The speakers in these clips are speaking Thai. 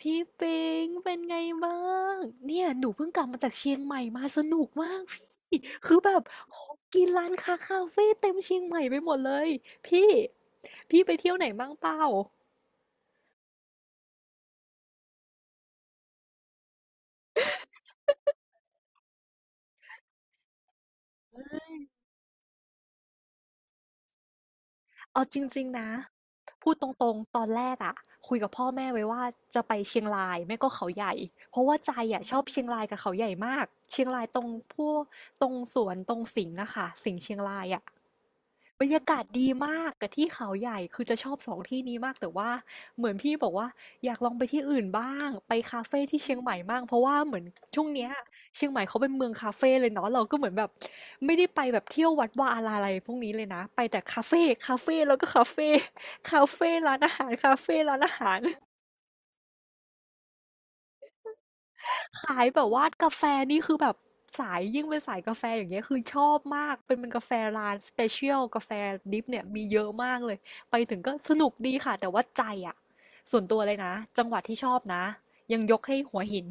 พี่ปิงเป็นไงบ้างเนี่ยหนูเพิ่งกลับมาจากเชียงใหม่มาสนุกมากพี่คือแบบของกินร้านค้าคาเฟ่เต็มเชียงใหม่ไปหมดเลยพี่พี่ไปเที่ยวไหนบ้างเปล่าเอาจริงๆนะพูดตรงๆตอนแรกอะคุยกับพ่อแม่ไว้ว่าจะไปเชียงรายไม่ก็เขาใหญ่เพราะว่าใจอะชอบเชียงรายกับเขาใหญ่มากเชียงรายตรงพวกตรงสวนตรงสิงห์อะค่ะสิงห์เชียงรายอะ บรรยากาศดีมากกับที่เขาใหญ่คือจะชอบสองที่นี้มากแต่ว่าเหมือนพี่บอกว่าอยากลองไปที่อื่นบ้างไปคาเฟ่ที่เชียงใหม่บ้างเพราะว่าเหมือนช่วงเนี้ยเชียงใหม่เขาเป็นเมืองคาเฟ่เลยเนาะเราก็เหมือนแบบไม่ได้ไปแบบเที่ยววัดวาอาราอะไรพวกนี้เลยนะไปแต่คาเฟ่คาเฟ่แล้วก็คาเฟ่คาเฟ่ร้านอาหารคาเฟ่ร้านอาหาร ขายแบบว่ากาแฟนี่คือแบบสายยิ่งเป็นสายกาแฟอย่างเงี้ยคือชอบมากเป็นมันกาแฟร้านสเปเชียลกาแฟดริปเนี่ยมีเยอะมากเลยไปถึงก็สนุกดีค่ะแต่ว่าใจอ่ะส่วนตัวเลยนะจังหวัดที่ชอบนะยังยกให้หัวหิน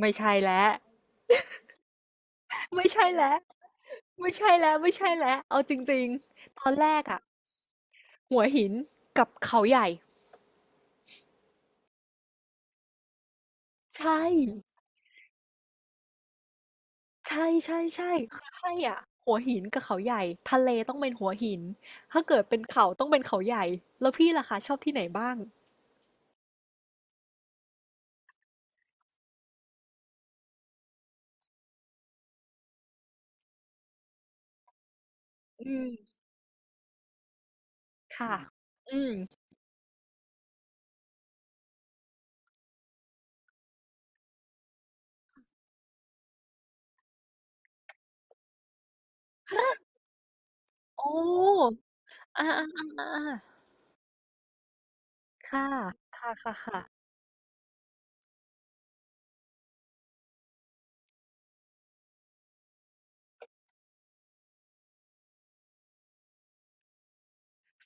ไม่ใช่แล้วไม่ใช่แล้วไม่ใช่แล้วไม่ใช่แล้วเอาจริงๆตอนแรกอ่ะหัวหินกับเขาใหญ่ใช่ ใช่ใช่ใช่คือให้อ่ะหัวหินกับเขาใหญ่ทะเลต้องเป็นหัวหินถ้าเกิดเป็นเขาต้องเป็นเขาใหญ่แล้วพี่ล่ะคะชอบที่ไหนบ้างอืมค่ะอืมโอ้อ่าอ่าอ่าอ่าค่ะค่ะค่ะค่ะ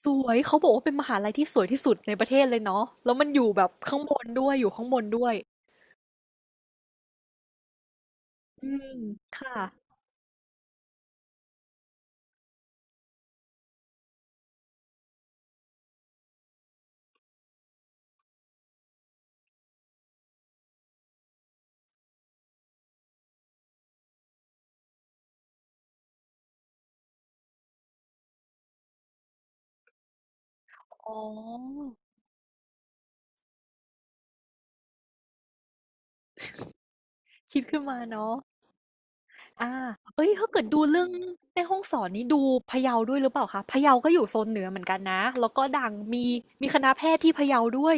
สวยเขาบอกว่าเป็นมหาลัยที่สวยที่สุดในประเทศเลยเนาะแล้วมันอยู่แบบข้างบนด้วยอยู่ข้างบนด้วยอืมค่ะอ๋อคิดขึ้นมาเนาะ อาเฮ้ยถ้าเกิดดูเรื่องแม่ฮ่องสอนนี่ดูพะเยาด้วยหรือเปล่าคะพะเยาก็อยู่โซนเหนือเหมือนกันนะ แล้วก็ดังมีมีคณะแพทย์ที่พะเยาด้วย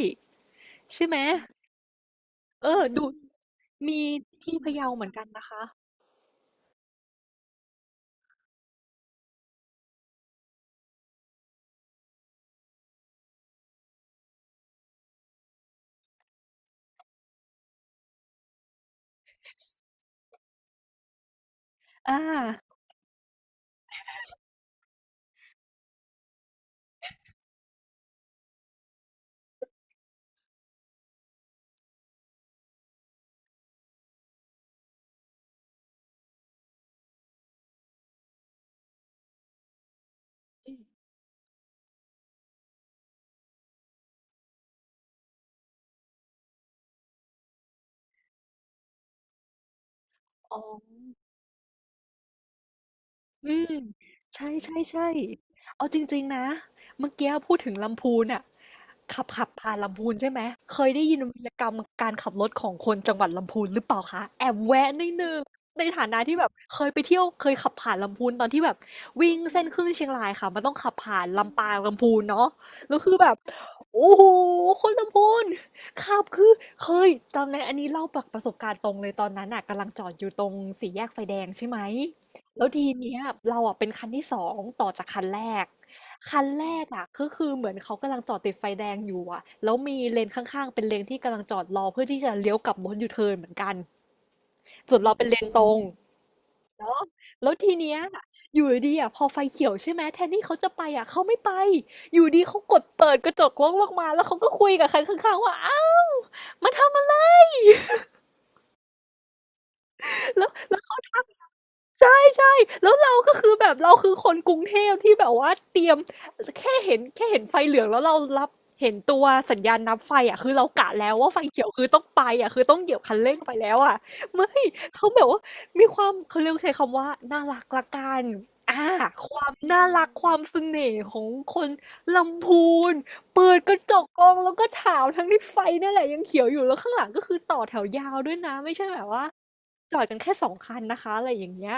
ใช่ไหม เออดูมีที่พะเยาเหมือนกันนะคะอาอ๋อ อืมใช่ๆๆเอาจริงๆนะเมื่อกี้พูดถึงลำพูนน่ะขับผ่านลำพูนใช่ไหมเคยได้ยินวีรกรรมการขับรถของคนจังหวัดลำพูนหรือเปล่าคะแอบแวะนิดหนึ่งในฐานะที่แบบเคยไปเที่ยวเคยขับผ่านลำพูนตอนที่แบบวิ่งเส้นขึ้นเชียงรายค่ะมันต้องขับผ่านลำปางลำพูนเนาะแล้วคือแบบโอ้โฮคนลำพูนขับคือเคยจำได้นอันนี้เล่าจากประสบการณ์ตรงเลยตอนนั้นน่ะกำลังจอดอยู่ตรงสี่แยกไฟแดงใช่ไหม แล้วทีเนี้ยเราอะเป็นคันที่สองต่อจากคันแรกคันแรกอะก็คือเหมือนเขากำลังจอดติดไฟแดงอยู่อะแล้วมีเลนข้างๆเป็นเลนที่กำลังจอดรอเพื่อที่จะเลี้ยวกลับรถยูเทิร์นเหมือนกันส่วนเราเป็นเลนตรงแล้วทีเนี้ยอยู่ดีๆอะพอไฟเขียวใช่ไหมแทนที่เขาจะไปอะเขาไม่ไปอยู่ดีเขากดเปิดกระจกรถลงมาแล้วเขาก็คุยกับคันข้างๆว่าอ้าวมาทำอะไร แล้วเขาทักเรา ใช่ใช่แล้วเราก็คือแบบเราคือคนกรุงเทพที่แบบว่าเตรียมแค่เห็นไฟเหลืองแล้วเรารับเห็นตัวสัญญาณนับไฟอ่ะคือเรากะแล้วว่าไฟเขียวคือต้องไปอ่ะคือต้องเหยียบคันเร่งไปแล้วอ่ะไม่เขาแบบว่ามีความเขาเรียกใช้คำว่าน่ารักละกันอ่าความน่ารักความเสน่ห์ของคนลำพูนเปิดกระจกกองแล้วก็ถามทั้งที่ไฟนั่นแหละยังเขียวอยู่แล้วข้างหลังก็คือต่อแถวยาวด้วยนะไม่ใช่แบบว่าจอดกันแค่สองคันนะคะอะไรอย่างเงี้ย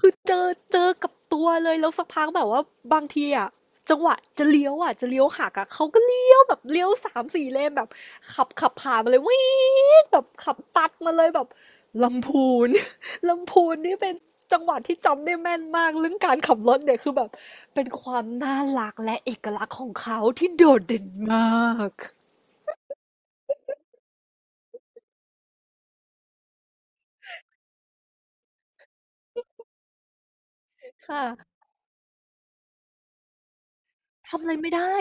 คือเจอกับตัวเลยแล้วสักพักแบบว่าบางทีอะจังหวะจะเลี้ยวอะจะเลี้ยวหักอะเขาก็เลี้ยวแบบเลี้ยวสามสี่เลนแบบขับผ่านมาเลยวีดแบบขับตัดมาเลยแบบลำพูน ลำพูนนี่เป็นจังหวัดที่จำได้แม่นมากเรื่องการขับรถเนี่ยคือแบบเป็นความน่ารักและเอกลักษณ์ของเขาที่โดดเด่นมากค่ะ ทำอะไรไม่ได้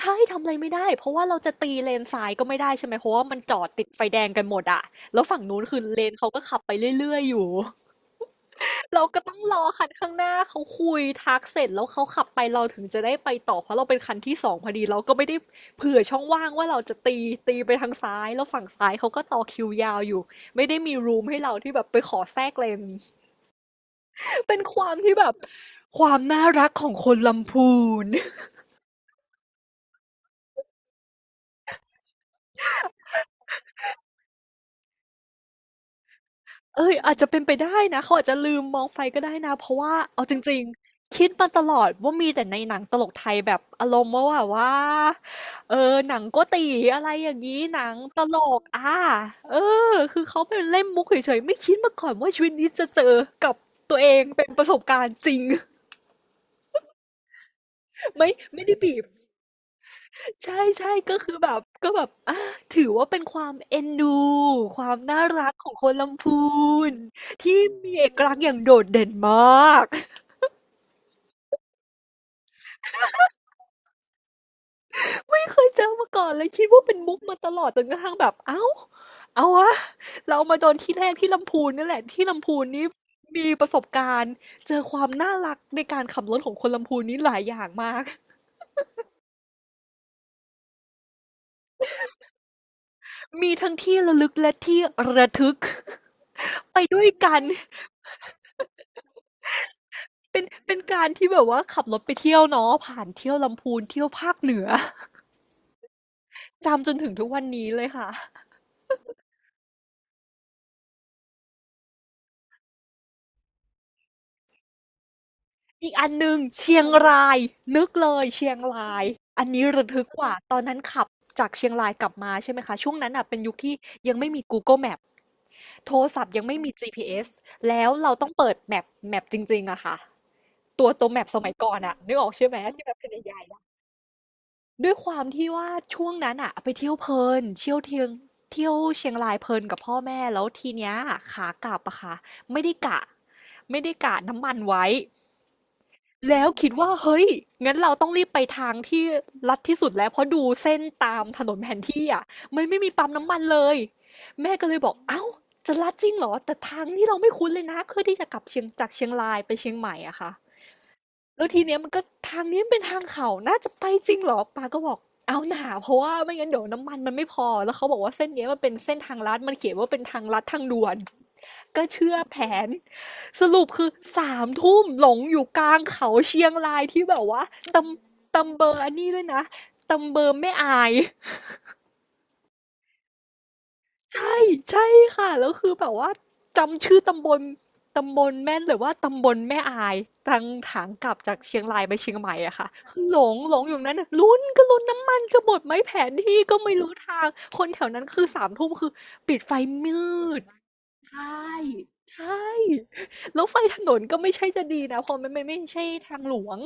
ใช่ทำอะไรไม่ได้เพราะว่าเราจะตีเลนซ้ายก็ไม่ได้ใช่ไหมเพราะว่ามันจอดติดไฟแดงกันหมดอะแล้วฝั่งนู้นคือเลนเขาก็ขับไปเรื่อยๆอยู่ เราก็ต้องรอคันข้างหน้าเขาคุยทักเสร็จแล้วเขาขับไปเราถึงจะได้ไปต่อเพราะเราเป็นคันที่สองพอดีเราก็ไม่ได้เผื่อช่องว่างว่าเราจะตีไปทางซ้ายแล้วฝั่งซ้ายเขาก็ต่อคิวยาวอยู่ไม่ได้มีรูมให้เราที่แบบไปขอแทรกเลน เป็นความที่แบบความน่ารักของคนลำพูน เอยอาจจะเป็นไปได้นะเขาอาจจะลืมมองไฟก็ได้นะเพราะว่าเอาจริงๆคิดมาตลอดว่ามีแต่ในหนังตลกไทยแบบอารมณ์ว่าแบบว่าเออหนังโกตี๋อะไรอย่างงี้หนังตลกอาเออคือเขาเป็นเล่นมุกเฉยๆไม่คิดมาก่อนว่าชีวิตนี้จะเจอกับตัวเองเป็นประสบการณ์จริง ไม่ไม่ได้บีบ ใช่ๆก็คือแบบก็แบบอะถือว่าเป็นความเอ็นดูความน่ารักของคนลำพูนที่มีเอกลักษณ์อย่างโดดเด่นมาก ไม่เคยเจอมาก่อนเลยคิดว่าเป็นมุกมาตลอดจนกระทั่งแบบเอ้าเอาวะเรามาโดนที่แรกที่ลำพูนเนี่ยแหละที่ลำพูนนี่มีประสบการณ์เจอความน่ารักในการขับรถของคนลำพูนนี้หลายอย่างมากมีทั้งที่ระลึกและที่ระทึก ไปด้วยกัน เป็นการที่แบบว่าขับรถไปเที่ยวเนาะผ่านเที่ยวลำพูนเที่ยวภาคเหนือ จำจนถึงทุกวันนี้เลยค่ะอีกอันหนึ่งเชียงรายนึกเลยเชียงรายอันนี้ระทึกกว่าตอนนั้นขับจากเชียงรายกลับมาใช่ไหมคะช่วงนั้นอ่ะเป็นยุคที่ยังไม่มี Google Map โทรศัพท์ยังไม่มี GPS แล้วเราต้องเปิดแมปจริงๆอะค่ะตัวแมปสมัยก่อนอะนึกออกใช่ไหมที่แบบเป็นใหญ่ ด้วยความที่ว่าช่วงนั้นอะไปเที่ยวเพลินเที่ยวเทียงเที่ยวเชียงรายเพลินกับพ่อแม่แล้วทีเนี้ยขากลับอะค่ะไม่ได้กะไม่ได้กะน้ำมันไว้แล้วคิดว่าเฮ้ยงั้นเราต้องรีบไปทางที่ลัดที่สุดแล้วเพราะดูเส้นตามถนนแผนที่อะมันไม่มีปั๊มน้ำมันเลยแม่ก็เลยบอกเอ้าจะลัดจริงเหรอแต่ทางที่เราไม่คุ้นเลยนะเพื่อที่จะกลับเชียงจากเชียงรายไปเชียงใหม่อะค่ะ แล้วทีเนี้ยมันก็ทางนี้มันเป็นทางเขาน่าจะไปจริงเหรอปาก็บอกเอาหนาเพราะว่าไม่งั้นเดี๋ยวน้ำมันมันไม่พอแล้วเขาบอกว่าเส้นเนี้ยมันเป็นเส้นทางลัดมันเขียนว่าเป็นทางลัดทางด่วนก็เชื่อแผนสรุปคือสามทุ่มหลงอยู่กลางเขาเชียงรายที่แบบว่าตตำเบอร์อันนี้ด้วยนะตำเบอร์ไม่อาย ใช่ใช่ค่ะแล้วคือแบบว่าจำชื่อตำบลตำบลแม่นเลยว่าตำบลแม่อายทางทางกลับจากเชียงรายไปเชียงใหม่อะค่ะคือหลงอยู่นั้นน่ะลุ้นก็ลุ้นน้ำมันจะหมดไหมแผนที่ก็ไม่รู้ทางคนแถวนั้นคือสามทุ่มคือปิดไฟมืดใช่ใช่แล้วไฟถนนก็ไม่ใช่จะดีนะเพราะมันไม่ใช่ทางหลวง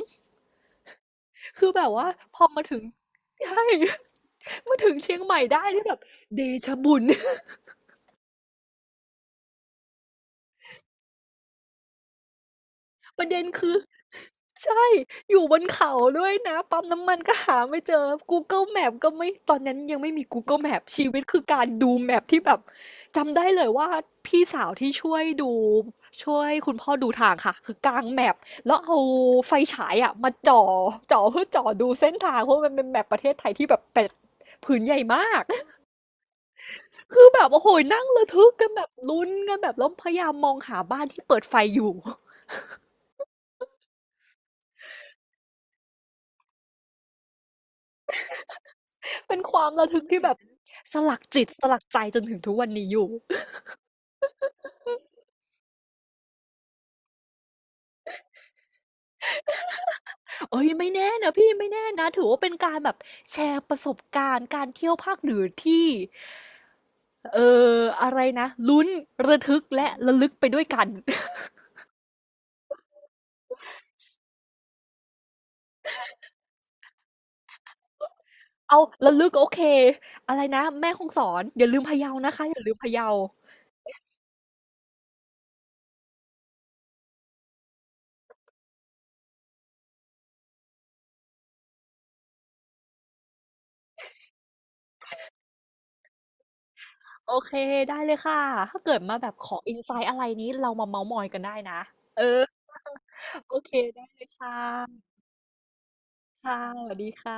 คือแบบว่าพอมาถึงใช่มาถึงเชียงใหม่ได้นี่แบบเดชะบุญ ประเด็นคือ ใช่อยู่บนเขาด้วยนะปั๊มน้ำมันก็หาไม่เจอ Google Map ก็ไม่ตอนนั้นยังไม่มี Google Map ชีวิตคือการดูแมพที่แบบจำได้เลยว่าพี่สาวที่ช่วยดูช่วยคุณพ่อดูทางค่ะคือกางแมพแล้วเอาไฟฉายอะมาจ่อเพื่อจ่อดูเส้นทางเพราะมันเป็นแมปประเทศไทยที่แบบเป็ดผืนใหญ่มาก คือแบบโอ้โหนั่งระทึกกันแบบลุ้นกันแบบแล้วพยายามมองหาบ้านที่เปิดไฟอยู่ เป็นความระทึกที่แบบสลักจิตสลักใจจนถึงทุกวันนี้อยู่ เอ้ยไม่แน่นะพี่ไม่แน่นะถือว่าเป็นการแบบแชร์ประสบการณ์การเที่ยวภาคเหนือที่เอ่อะไรนะลุ้นระทึกและระลึกไปด้วยกัน เอาระลึกโอเคอะไรนะแม่คงสอนอย่าลืมพะเยานะคะอย่าลืมพะเยาโอเคได้เลยค่ะถ้าเกิดมาแบบขออินไซต์อะไรนี้เรามาเมาท์มอยกันได้นะเออโอเคได้เลยค่ะค่ะสวัสดีค่ะ